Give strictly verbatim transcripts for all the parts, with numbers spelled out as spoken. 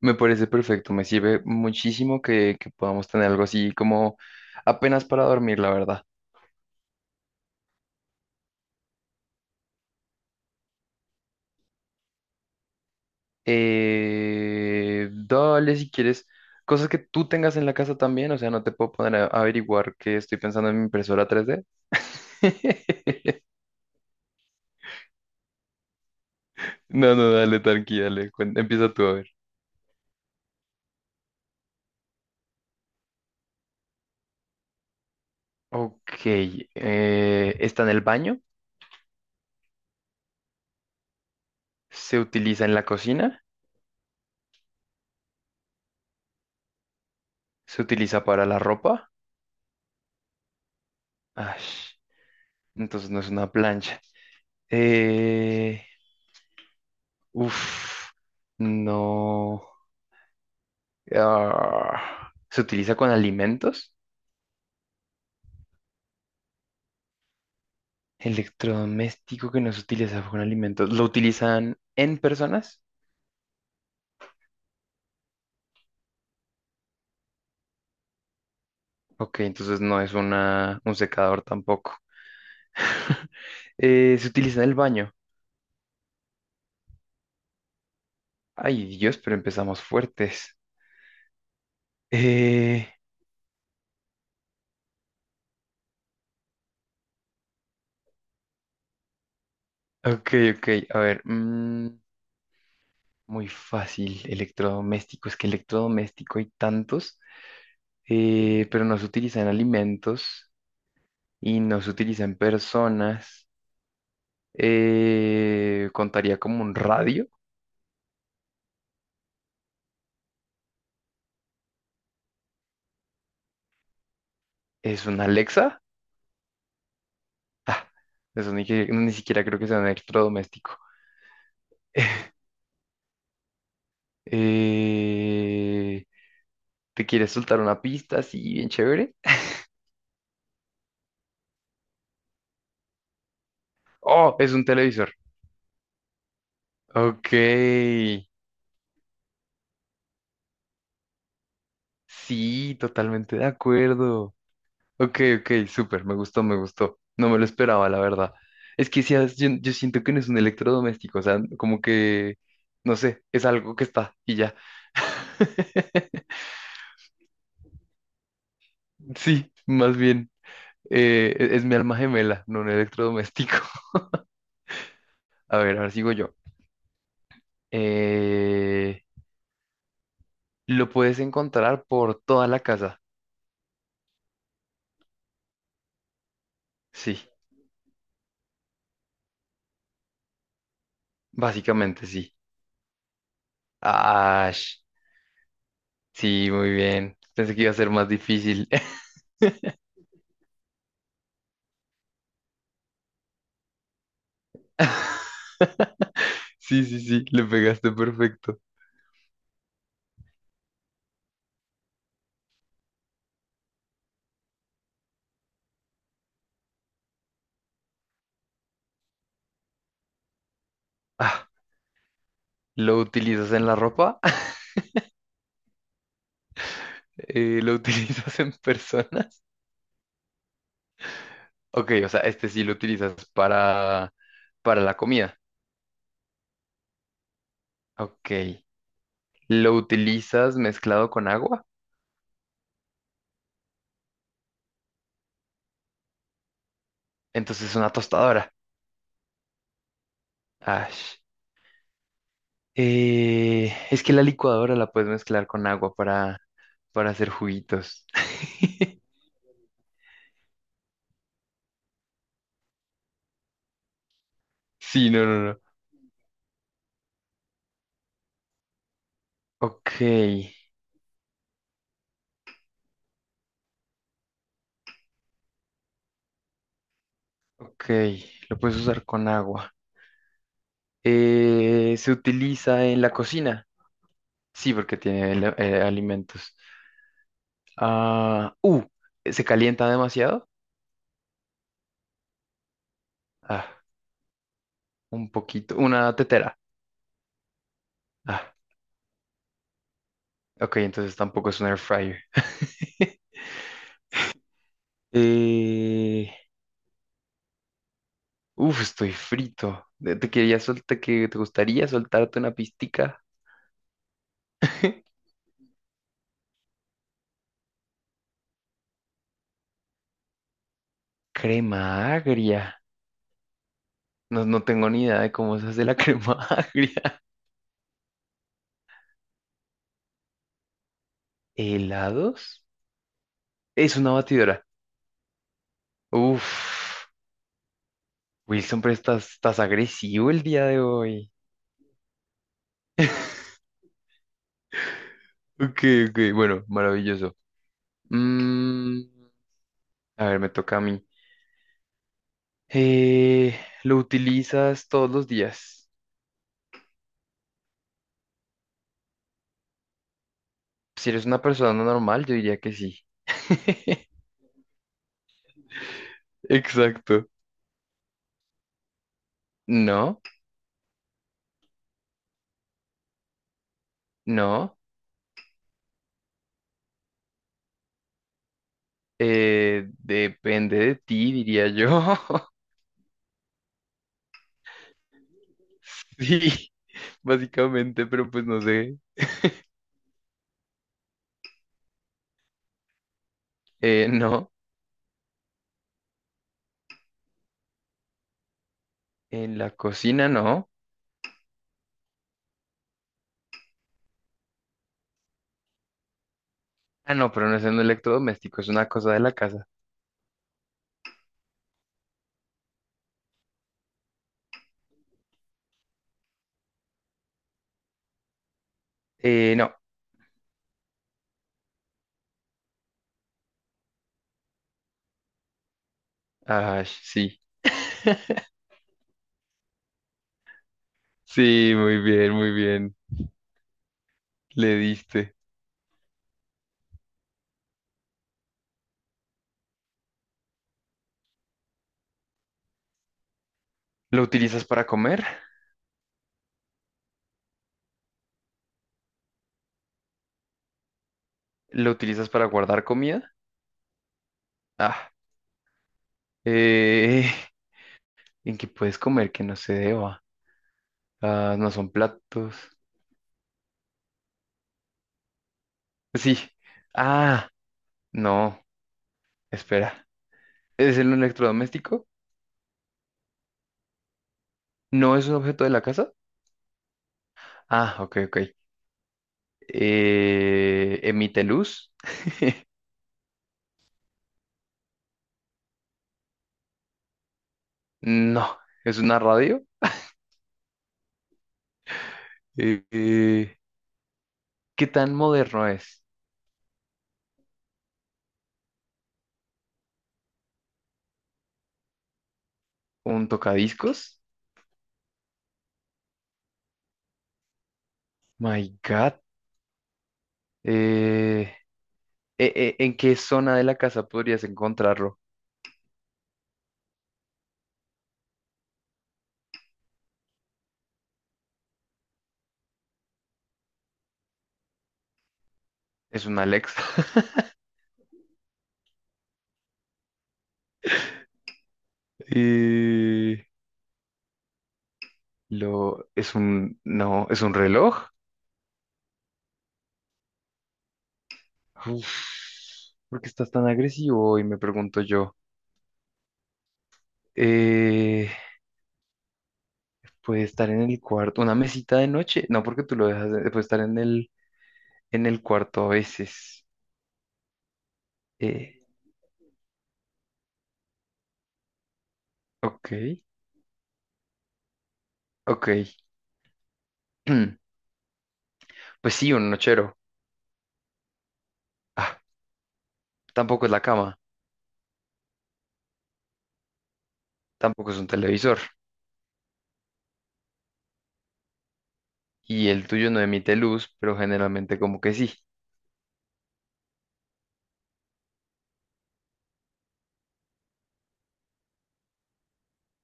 Me parece perfecto, me sirve muchísimo que, que podamos tener algo así como apenas para dormir, la verdad. Eh, dale si quieres cosas que tú tengas en la casa también, o sea, no te puedo poner a a averiguar que estoy pensando en mi impresora tres d. No, no, dale, tranqui, dale, cuen- empieza tú a ver. Ok, eh, está en el baño, se utiliza en la cocina, se utiliza para la ropa. Ay, entonces no es una plancha. Eh, Uf, no. Ah, ¿se utiliza con alimentos? Electrodoméstico que no se utiliza con alimentos. ¿Lo utilizan en personas? Ok, entonces no es una, un secador tampoco. Eh, ¿se utiliza en el baño? Ay, Dios, pero empezamos fuertes. Eh, ok, ok, a ver. Mm, muy fácil, electrodoméstico. Es que electrodoméstico hay tantos, eh, pero no se utiliza en alimentos y no se utiliza en personas. Eh, contaría como un radio, es una Alexa. Ah, eso ni, que- ni siquiera creo que sea un electrodoméstico. Eh, ¿Te quieres soltar una pista así bien chévere? Oh, es un televisor. Ok, sí, totalmente de acuerdo. Ok, ok, súper, me gustó, me gustó. No me lo esperaba, la verdad. Es que si has- yo, yo siento que no es un electrodoméstico, o sea, como que, no sé, es algo que está y ya. Sí, más bien. Eh, e- es mi alma gemela, no un electrodoméstico. A ver, ahora sigo yo. Eh, lo puedes encontrar por toda la casa. Sí, básicamente sí. Ash, sí, muy bien. Pensé que iba a ser más difícil. Sí, sí, sí, le pegaste perfecto. Ah, ¿lo utilizas en la ropa? Eh, ¿lo utilizas en persona? Ok, o sea, este sí lo utilizas para, para la comida. Ok. Lo utilizas mezclado con agua, entonces es una tostadora. Ash. Eh, es que la licuadora la puedes mezclar con agua para, para hacer juguitos. Sí, no, no, no. Ok, ok, lo puedes usar con agua. Eh, se utiliza en la cocina. Sí, porque tiene ele- eh, alimentos. Ah, uh, ¿Se calienta demasiado? Ah, un poquito, una tetera. Ah, ok, entonces tampoco es un air fryer. Eh, uf, Estoy frito. ¿Te te quería soltar, que te gustaría soltarte una pistica? Crema agria. No, no tengo ni idea de cómo se hace la crema agria. ¿Helados? Es una batidora. Uf, Wilson, pero estás, estás agresivo el día de hoy. Ok, ok, bueno, maravilloso. Mm, a ver, me toca a mí. Eh, ¿Lo utilizas todos los días? Si eres una persona normal, yo diría que sí. Exacto. No, no. Eh, depende de ti, diría yo. Sí, básicamente, pero pues no sé. Eh, no, en la cocina no. Ah, no, pero no es un electrodoméstico, es una cosa de la casa. Eh, no. Ah, sí. Sí, muy bien, muy bien. Le diste. ¿Lo utilizas para comer? ¿Lo utilizas para guardar comida? Ah, eh, en que puedes comer que no se deba. Ah, no son platos. Sí. Ah, no. Espera. ¿Es el electrodoméstico? ¿No es un objeto de la casa? Ah, ok, ok. Eh, ¿emite luz? No. ¿Es una radio? Eh, eh, ¿Qué tan moderno es? ¿Un tocadiscos? My God. Eh, e- e- ¿En qué zona de la casa podrías encontrarlo? ¿Es una Alexa? Eh, Lo, es un, no, es un reloj. Uf, ¿por qué estás tan agresivo hoy? Me pregunto yo. Eh, Puede estar en el cuarto, una mesita de noche. No, porque tú lo dejas, de- puede estar en el, en el cuarto a veces. Eh, ok, ok. Pues sí, un nochero. Ah, tampoco es la cama, tampoco es un televisor. Y el tuyo no emite luz, pero generalmente como que sí.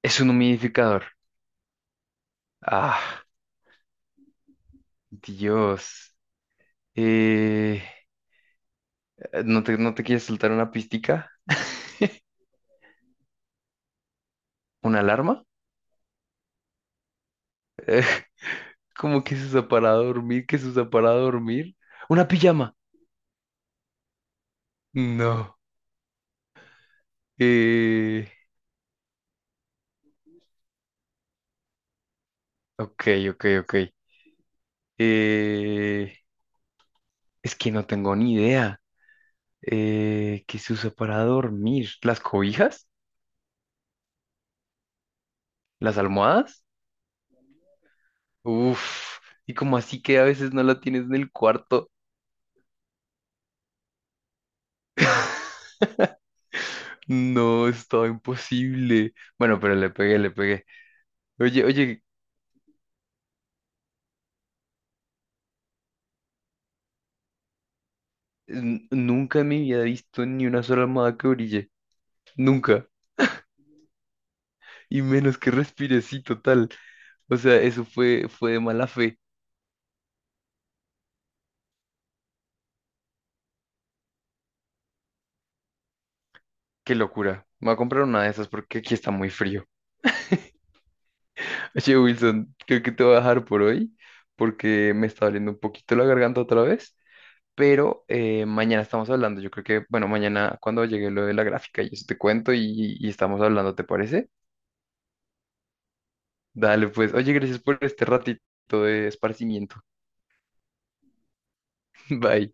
Es un humidificador. Ah, Dios. Eh, Eh, ¿No te, no te quieres soltar una pistica? ¿Una alarma? ¿Cómo que se usa para dormir? ¿Qué se usa para dormir? ¿Una pijama? No. Eh, ok, ok, ok. Eh, es que no tengo ni idea. Eh, ¿qué se usa para dormir? ¿Las cobijas? ¿Las almohadas? Uf. Y como así que a veces no la tienes en el cuarto. No, estaba imposible. Bueno, pero le pegué, le pegué. Oye, oye, N- nunca me había visto ni una sola almohada que brille. Nunca. Y menos que respire, sí, total. O sea, eso fue, fue de mala fe. Qué locura. Me voy a comprar una de esas porque aquí está muy frío. Oye, Wilson, creo que te voy a dejar por hoy porque me está doliendo un poquito la garganta otra vez. Pero eh, mañana estamos hablando. Yo creo que, bueno, mañana cuando llegue lo de la gráfica, yo te cuento y, y estamos hablando, ¿te parece? Dale, pues. Oye, gracias por este ratito de esparcimiento. Bye.